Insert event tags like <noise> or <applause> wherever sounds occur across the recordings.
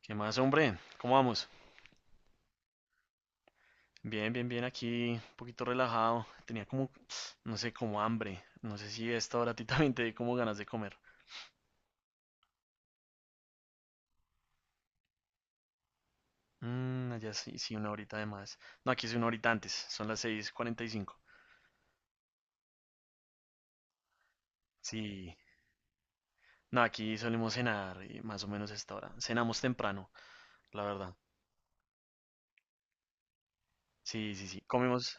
¿Qué más, hombre? ¿Cómo vamos? Bien, bien, bien, aquí, un poquito relajado. Tenía como, no sé, como hambre. No sé si a esta hora a ti <laughs> también te di como ganas de comer. Mm, allá sí, sí, una horita de más. No, aquí es una horita antes, son las 6:45. Sí, no, aquí solemos cenar más o menos a esta hora. Cenamos temprano, la verdad. Sí, sí, sí. Comimos.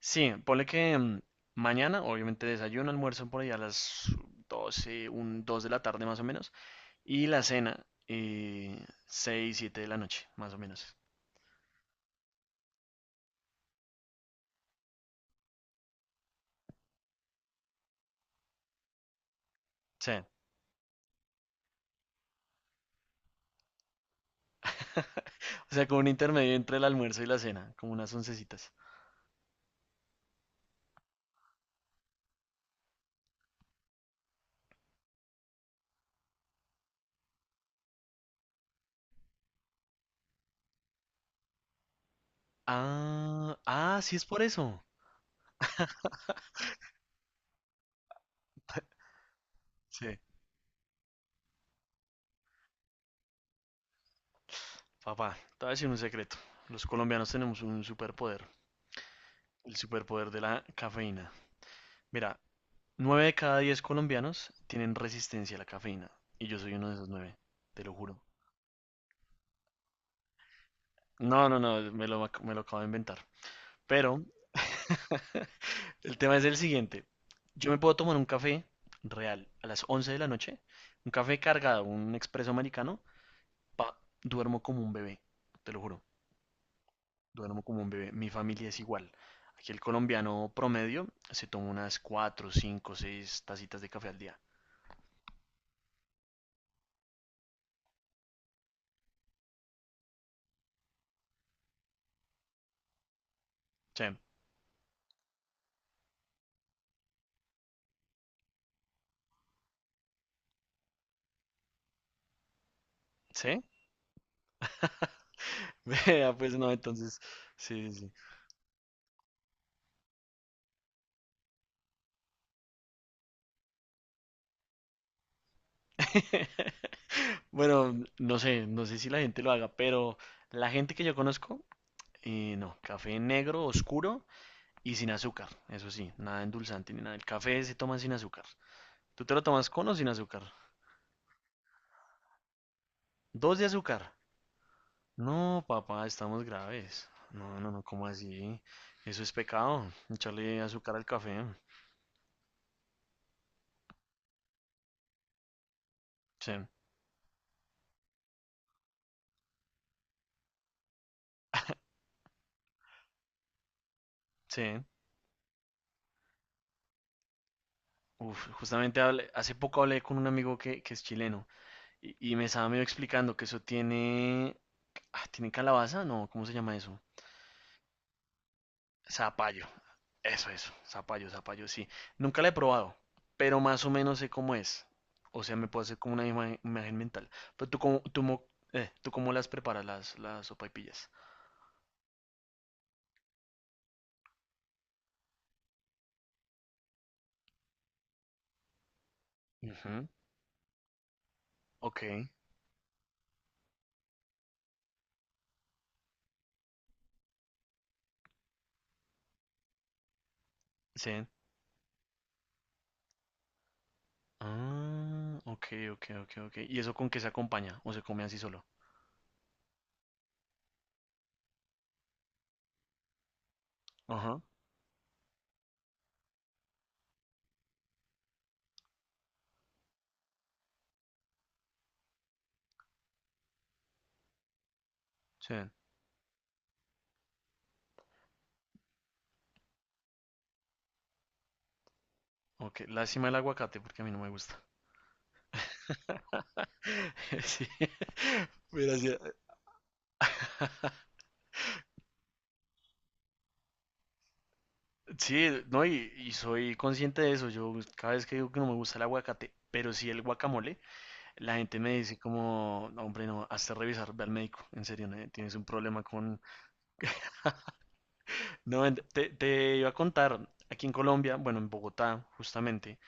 Sí, ponle que mañana, obviamente desayuno, almuerzo por ahí a las 12, un 2 de la tarde más o menos. Y la cena, 6, 7 de la noche, más o menos. O sea, <laughs> o sea, como un intermedio entre el almuerzo y la cena, como unas oncecitas. Ah, ah, sí es por eso. Sí. Papá, te voy a decir un secreto. Los colombianos tenemos un superpoder, el superpoder de la cafeína. Mira, 9 de cada 10 colombianos tienen resistencia a la cafeína. Y yo soy uno de esos nueve, te lo juro. No, no, no, me lo acabo de inventar. Pero… <laughs> El tema es el siguiente. Yo me puedo tomar un café real a las 11 de la noche, un café cargado, un expreso americano, pa, duermo como un bebé, te lo juro, duermo como un bebé. Mi familia es igual. Aquí el colombiano promedio se toma unas 4, 5, 6 tacitas de café al día. Sí, ¿sí? <laughs> Vea, pues no, entonces, sí, sí. Sí. <laughs> Bueno, no sé si la gente lo haga, pero la gente que yo conozco, no, café negro, oscuro, y sin azúcar, eso sí, nada endulzante ni nada. El café se toma sin azúcar. ¿Tú te lo tomas con o sin azúcar? Dos de azúcar. No, papá, estamos graves. No, no, no, ¿cómo así? Eso es pecado, echarle azúcar al café. Sí, sí. Uf, justamente hace poco hablé con un amigo que es chileno y me estaba medio explicando que eso tiene… Ah, ¿tiene calabaza? No, ¿cómo se llama eso? Zapallo. Eso, eso. Zapallo, zapallo, sí. Nunca la he probado, pero más o menos sé cómo es. O sea, me puedo hacer como una imagen mental. Pero, ¿tú cómo las preparas las, sopaipillas? Ujú, ok, sí. Ah, ok, ok, ok, ok. ¿Y eso con qué se acompaña? ¿O se come así solo? Ajá, sí. Ok, lástima el aguacate porque a mí no me gusta. <laughs> Sí. <laughs> Gracias. <laughs> Sí, no, y soy consciente de eso. Yo cada vez que digo que no me gusta el aguacate, pero sí el guacamole, la gente me dice como, "No, hombre, no, hazte revisar, ve al médico, en serio, tienes un problema con…". No, te iba a contar, aquí en Colombia, bueno, en Bogotá, justamente,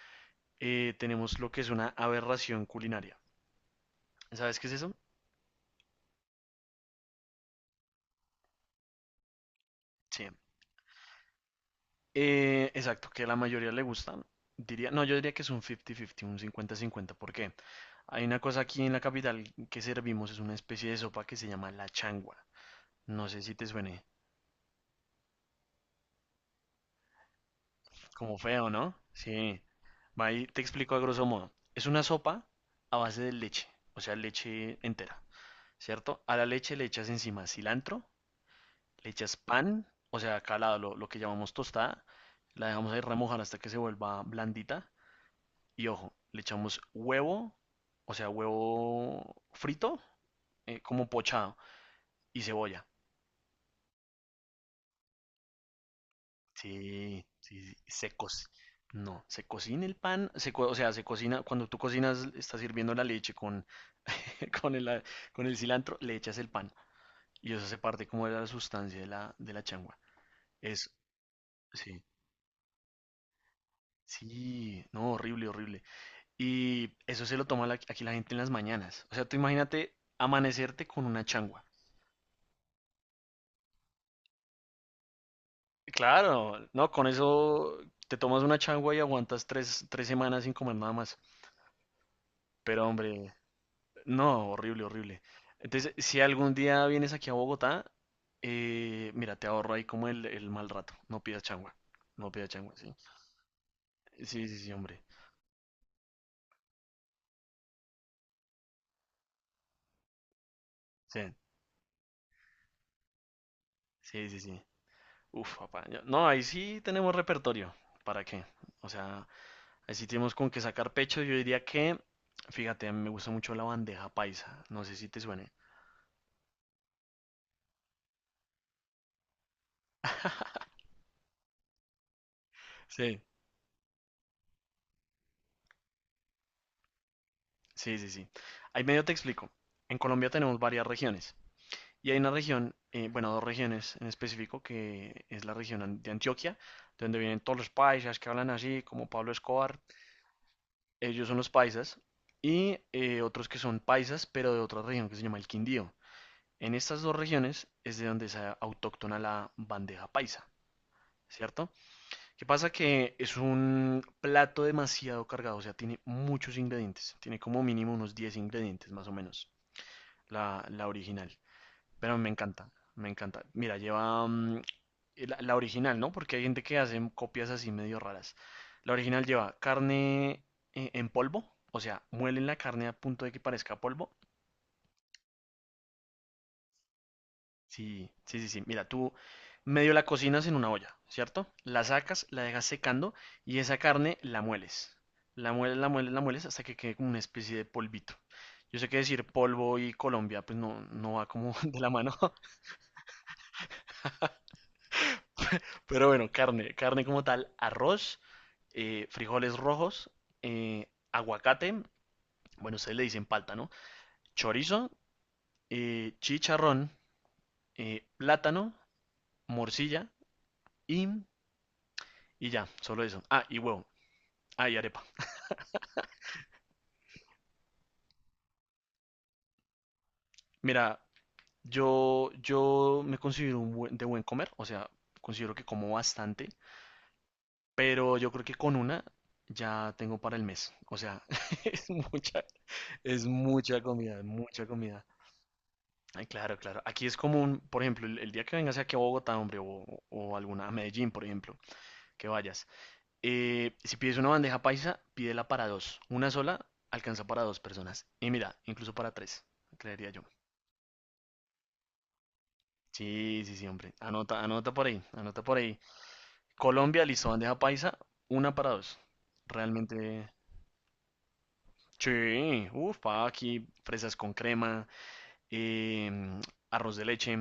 tenemos lo que es una aberración culinaria. ¿Sabes qué es eso? Sí. Exacto, que la mayoría le gustan. Diría, no, yo diría que es un 50-50, un cincuenta-cincuenta. ¿Por qué? Hay una cosa aquí en la capital que servimos, es una especie de sopa que se llama la changua. No sé si te suene como feo, ¿no? Sí. Va, ahí te explico a grosso modo. Es una sopa a base de leche, o sea, leche entera, ¿cierto? A la leche le echas encima cilantro, le echas pan, o sea, acá lo que llamamos tostada, la dejamos ahí remojar hasta que se vuelva blandita. Y ojo, le echamos huevo, o sea, huevo frito, como pochado, y cebolla. Sí, sí, sí, no, se cocina el pan, o sea, se cocina, cuando tú cocinas, estás sirviendo la leche <laughs> con el, a- con el cilantro, le echas el pan. Y eso hace parte como de la sustancia de la changua. Es, sí, sí, no, horrible, horrible. Y eso se lo toma aquí la gente en las mañanas. O sea, tú imagínate amanecerte con una changua. Claro, no, con eso te tomas una changua y aguantas tres semanas sin comer nada más. Pero hombre, no, horrible, horrible. Entonces, si algún día vienes aquí a Bogotá, mira, te ahorro ahí como el mal rato. No pidas changua, no pidas changua, sí. Sí, sí, sí, hombre. Sí, sí, sí, sí. Uf, papá. No, ahí sí tenemos repertorio. ¿Para qué? O sea, ahí sí tenemos con qué sacar pecho. Yo diría que, fíjate, a mí me gusta mucho la bandeja paisa. No sé si te suene. Sí. Sí, sí, sí. Ahí medio te explico. En Colombia tenemos varias regiones y hay una región, bueno, dos regiones en específico, que es la región de Antioquia, de donde vienen todos los paisas que hablan así, como Pablo Escobar, ellos son los paisas, y otros que son paisas, pero de otra región que se llama el Quindío. En estas dos regiones es de donde es autóctona la bandeja paisa, ¿cierto? ¿Qué pasa? Que es un plato demasiado cargado, o sea, tiene muchos ingredientes, tiene como mínimo unos 10 ingredientes más o menos. La original. Pero me encanta, me encanta. Mira, lleva la original, ¿no? Porque hay gente que hace copias así medio raras. La original lleva carne en polvo, o sea, muelen la carne a punto de que parezca polvo. Sí, sí, sí, sí. Mira, tú medio la cocinas en una olla, ¿cierto? La sacas, la dejas secando y esa carne la mueles. La mueles, la mueles, la mueles hasta que quede como una especie de polvito. Yo sé que decir polvo y Colombia, pues no, no va como <laughs> de la mano. Pero bueno, carne, carne como tal, arroz, frijoles rojos, aguacate, bueno, ustedes le dicen palta, ¿no? Chorizo, chicharrón, plátano, morcilla y, y ya, solo eso. Ah, y huevo. Ah, y arepa. Mira, yo me considero un de buen comer, o sea, considero que como bastante, pero yo creo que con una ya tengo para el mes. O sea, <laughs> es mucha, es mucha comida, mucha comida. Ay, claro, claro. Aquí es común, por ejemplo, el día que vengas aquí a Bogotá, hombre, o alguna, a Medellín, por ejemplo, que vayas. Si pides una bandeja paisa, pídela para dos. Una sola alcanza para dos personas. Y mira, incluso para tres, creería yo. Sí, sí, sí, hombre. Anota, anota por ahí, anota por ahí. Colombia, listo, bandeja paisa, una para dos. Realmente, sí, uff, pa, aquí, fresas con crema, em, arroz de leche,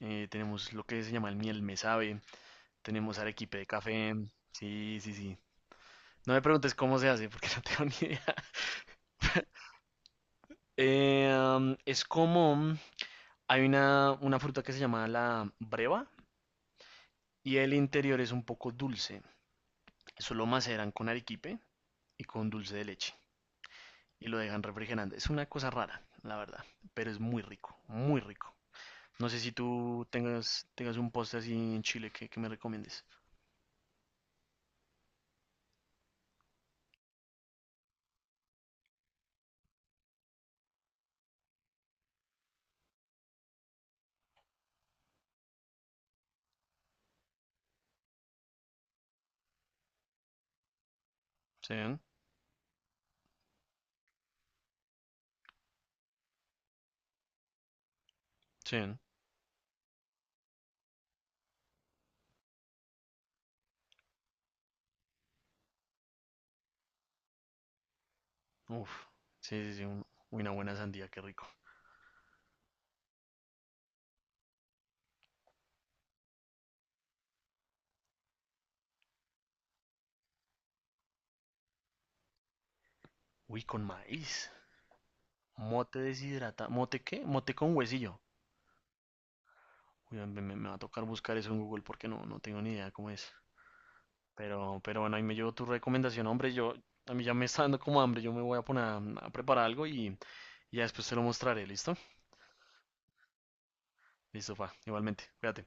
tenemos lo que se llama el miel me sabe. Tenemos arequipe de café. Sí, sí, sí. No me preguntes cómo se hace, porque <laughs> no tengo ni idea. Es como, hay una fruta que se llama la breva y el interior es un poco dulce. Eso lo maceran con arequipe y con dulce de leche y lo dejan refrigerando. Es una cosa rara, la verdad, pero es muy rico, muy rico. No sé si tú tengas un postre así en Chile que me recomiendes. Sí, sí. Uf, sí, sí, sí, uy, una buena sandía, qué rico. Uy, con maíz. Mote deshidratado. ¿Mote qué? Mote con huesillo. Uy, me va a tocar buscar eso en Google porque no, no tengo ni idea cómo es. Pero bueno, ahí me llevo tu recomendación. Hombre, a mí ya me está dando como hambre. Yo me voy a poner a preparar algo y ya después te lo mostraré. ¿Listo? Listo, pa. Igualmente. Cuídate.